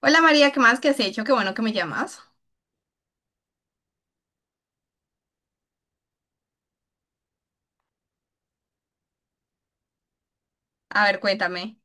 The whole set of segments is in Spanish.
Hola María, ¿qué más? ¿Qué has hecho? Qué bueno que me llamas. A ver, cuéntame.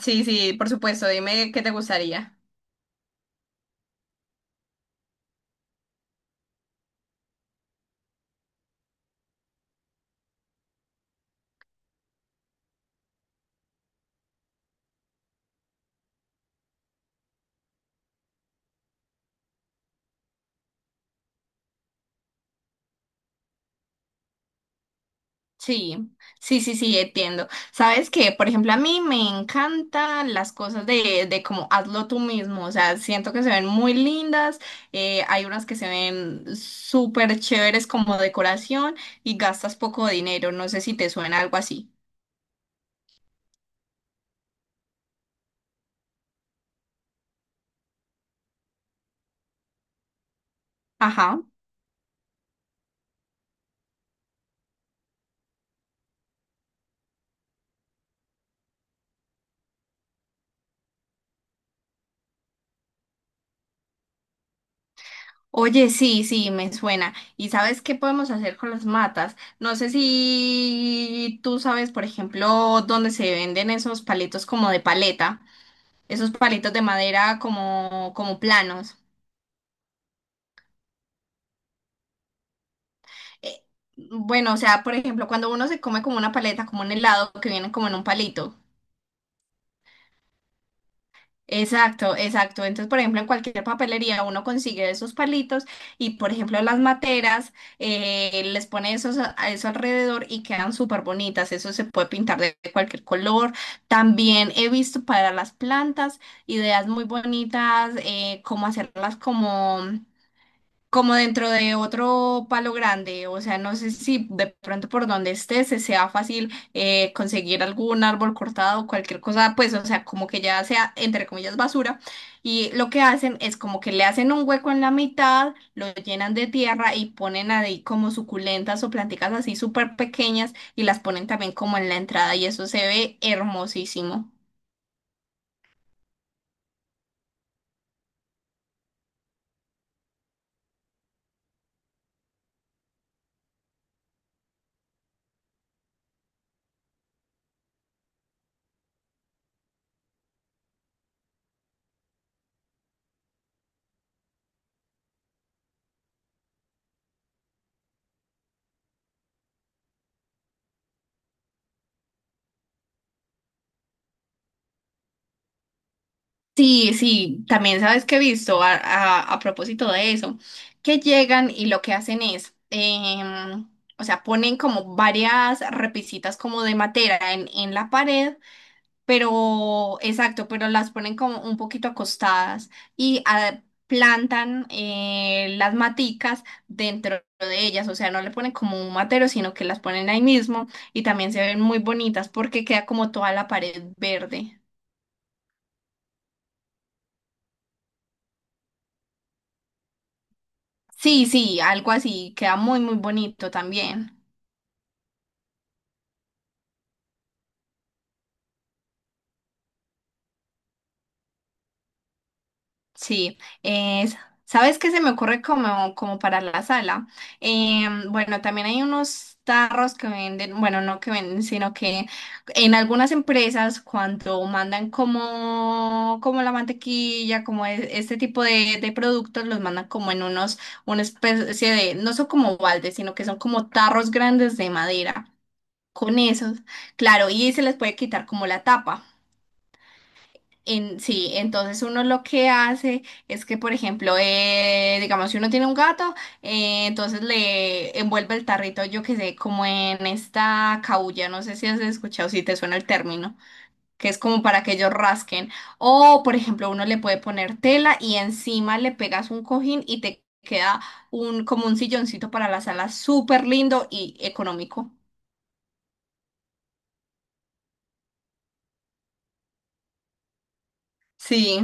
Sí, sí, por supuesto, dime qué te gustaría. Sí, sí, entiendo. Sabes que, por ejemplo, a mí me encantan las cosas de como hazlo tú mismo. O sea, siento que se ven muy lindas. Hay unas que se ven súper chéveres como decoración y gastas poco dinero. No sé si te suena algo así. Ajá. Oye, sí, sí, me suena. ¿Y sabes qué podemos hacer con las matas? No sé si tú sabes, por ejemplo, dónde se venden esos palitos como de paleta, esos palitos de madera como planos. Eh, bueno, o sea, por ejemplo, cuando uno se come como una paleta, como un helado que viene como en un palito. Exacto, exacto. Entonces, por ejemplo, en cualquier papelería uno consigue esos palitos y, por ejemplo, las materas les pone esos a eso alrededor y quedan súper bonitas. Eso se puede pintar de cualquier color. También he visto para las plantas ideas muy bonitas, como hacerlas como dentro de otro palo grande, o sea, no sé si de pronto por donde estés se sea fácil conseguir algún árbol cortado, cualquier cosa, pues, o sea, como que ya sea, entre comillas, basura. Y lo que hacen es como que le hacen un hueco en la mitad, lo llenan de tierra y ponen ahí como suculentas o plantitas así súper pequeñas y las ponen también como en la entrada y eso se ve hermosísimo. Sí, sí, también sabes que he visto a propósito de eso, que llegan y lo que hacen es, o sea, ponen como varias repisitas como de madera en la pared, pero, exacto, pero las ponen como un poquito acostadas y a- plantan las maticas dentro de ellas, o sea, no le ponen como un matero, sino que las ponen ahí mismo y también se ven muy bonitas porque queda como toda la pared verde. Sí, sí, algo así, queda muy, muy bonito también. Sí, es, ¿sabes qué se me ocurre como, como para la sala? Bueno, también hay unos tarros que venden, bueno, no que venden, sino que en algunas empresas cuando mandan como, como la mantequilla, como e- este tipo de productos, los mandan como en unos, una especie de, no son como baldes, sino que son como tarros grandes de madera. Con esos, claro, y se les puede quitar como la tapa. En, sí, entonces uno lo que hace es que, por ejemplo, digamos, si uno tiene un gato, entonces le envuelve el tarrito, yo que sé, como en esta caulla, no sé si has escuchado, si te suena el término, que es como para que ellos rasquen. O, por ejemplo, uno le puede poner tela y encima le pegas un cojín y te queda un, como un silloncito para la sala, súper lindo y económico. Sí,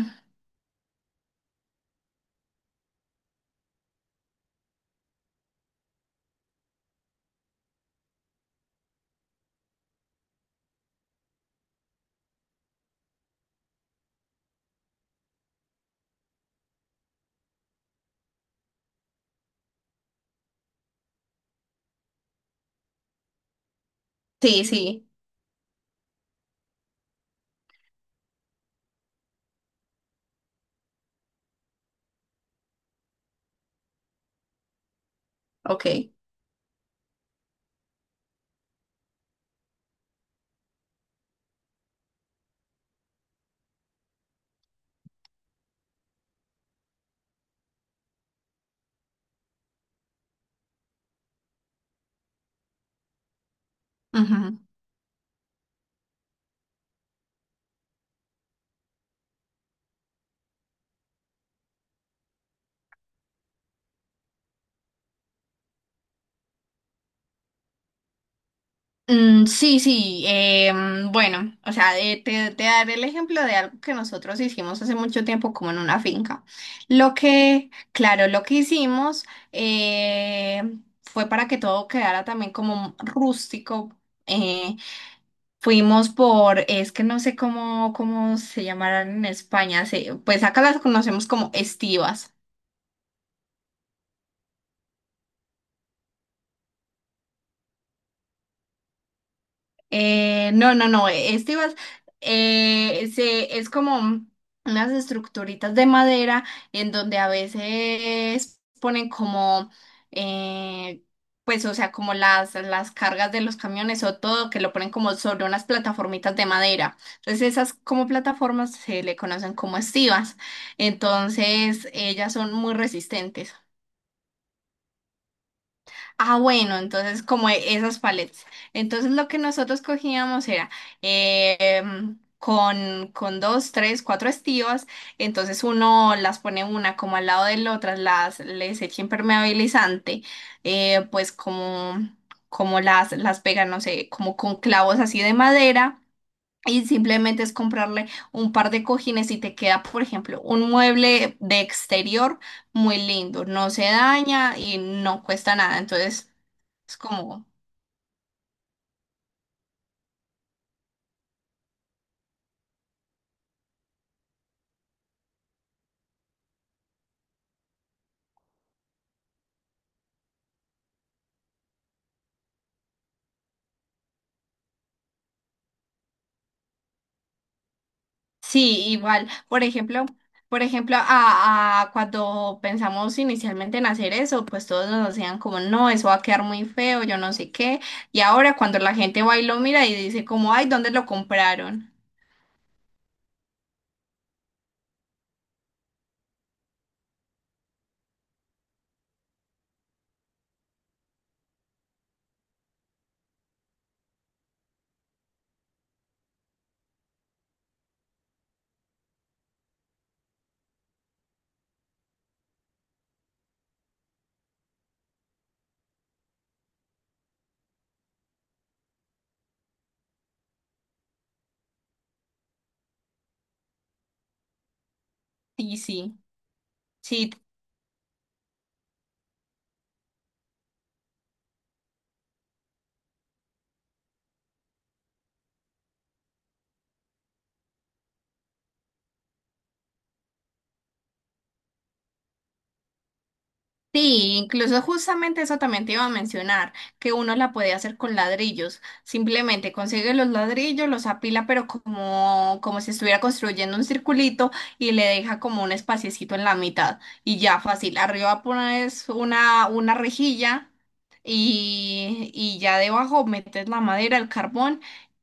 sí, sí, ok. Ujú. Sí, sí, bueno, o sea, te daré el ejemplo de algo que nosotros hicimos hace mucho tiempo como en una finca. Lo que, claro, lo que hicimos eh, fue para que todo quedara también como rústico. eh, Fuimos por, es que no sé cómo, cómo se llamarán en España, se- pues acá las conocemos como estivas. No, no, no, este vas- se, es como unas estructuritas de madera en donde a veces ponen como, eh, pues, o sea, como las cargas de los camiones o todo, que lo ponen como sobre unas plataformitas de madera. Entonces, esas como plataformas se le conocen como estivas. Entonces, ellas son muy resistentes. Ah, bueno, entonces como e- esas paletas. Entonces lo que nosotros cogíamos era con dos, tres, cuatro estivas. Entonces uno las pone una como al lado de la otra, las les echa impermeabilizante, pues como, como las pega, no sé, como con clavos así de madera. Y simplemente es comprarle un par de cojines y te queda, por ejemplo, un mueble de exterior muy lindo. No se daña y no cuesta nada. Entonces... Es como, sí, igual, por ejemplo, a cuando pensamos inicialmente en hacer eso, pues todos nos decían como, no, eso va a quedar muy feo, yo no sé qué. Y ahora cuando la gente va y lo mira y dice como, ay, ¿dónde lo compraron? Sí, sí, sí. Sí, incluso justamente eso también te iba a mencionar, que uno la puede hacer con ladrillos. Simplemente consigue los ladrillos, los apila, pero como, como si estuviera construyendo un circulito y le deja como un espaciecito en la mitad. Y ya fácil. Arriba pones una rejilla y ya debajo metes la madera, el carbón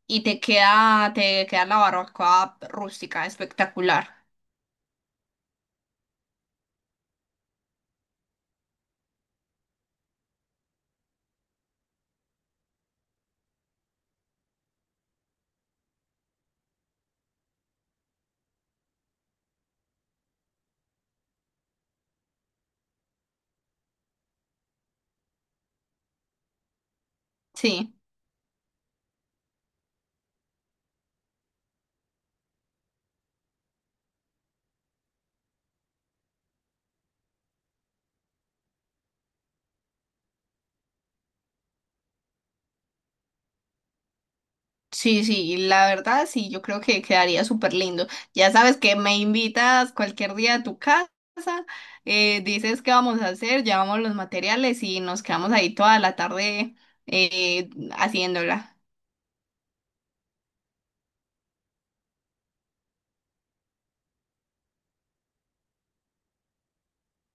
y te queda la barbacoa rústica, espectacular. Sí. Sí, sí, la verdad sí, yo creo que quedaría súper lindo. Ya sabes que me invitas cualquier día a tu casa, dices qué vamos a hacer, llevamos los materiales y nos quedamos ahí toda la tarde eh, haciéndola.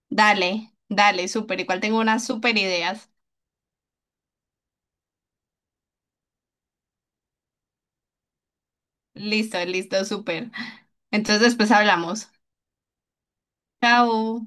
Dale, dale, súper. Igual tengo unas súper ideas. Listo, listo, súper. Entonces, pues hablamos. Chao.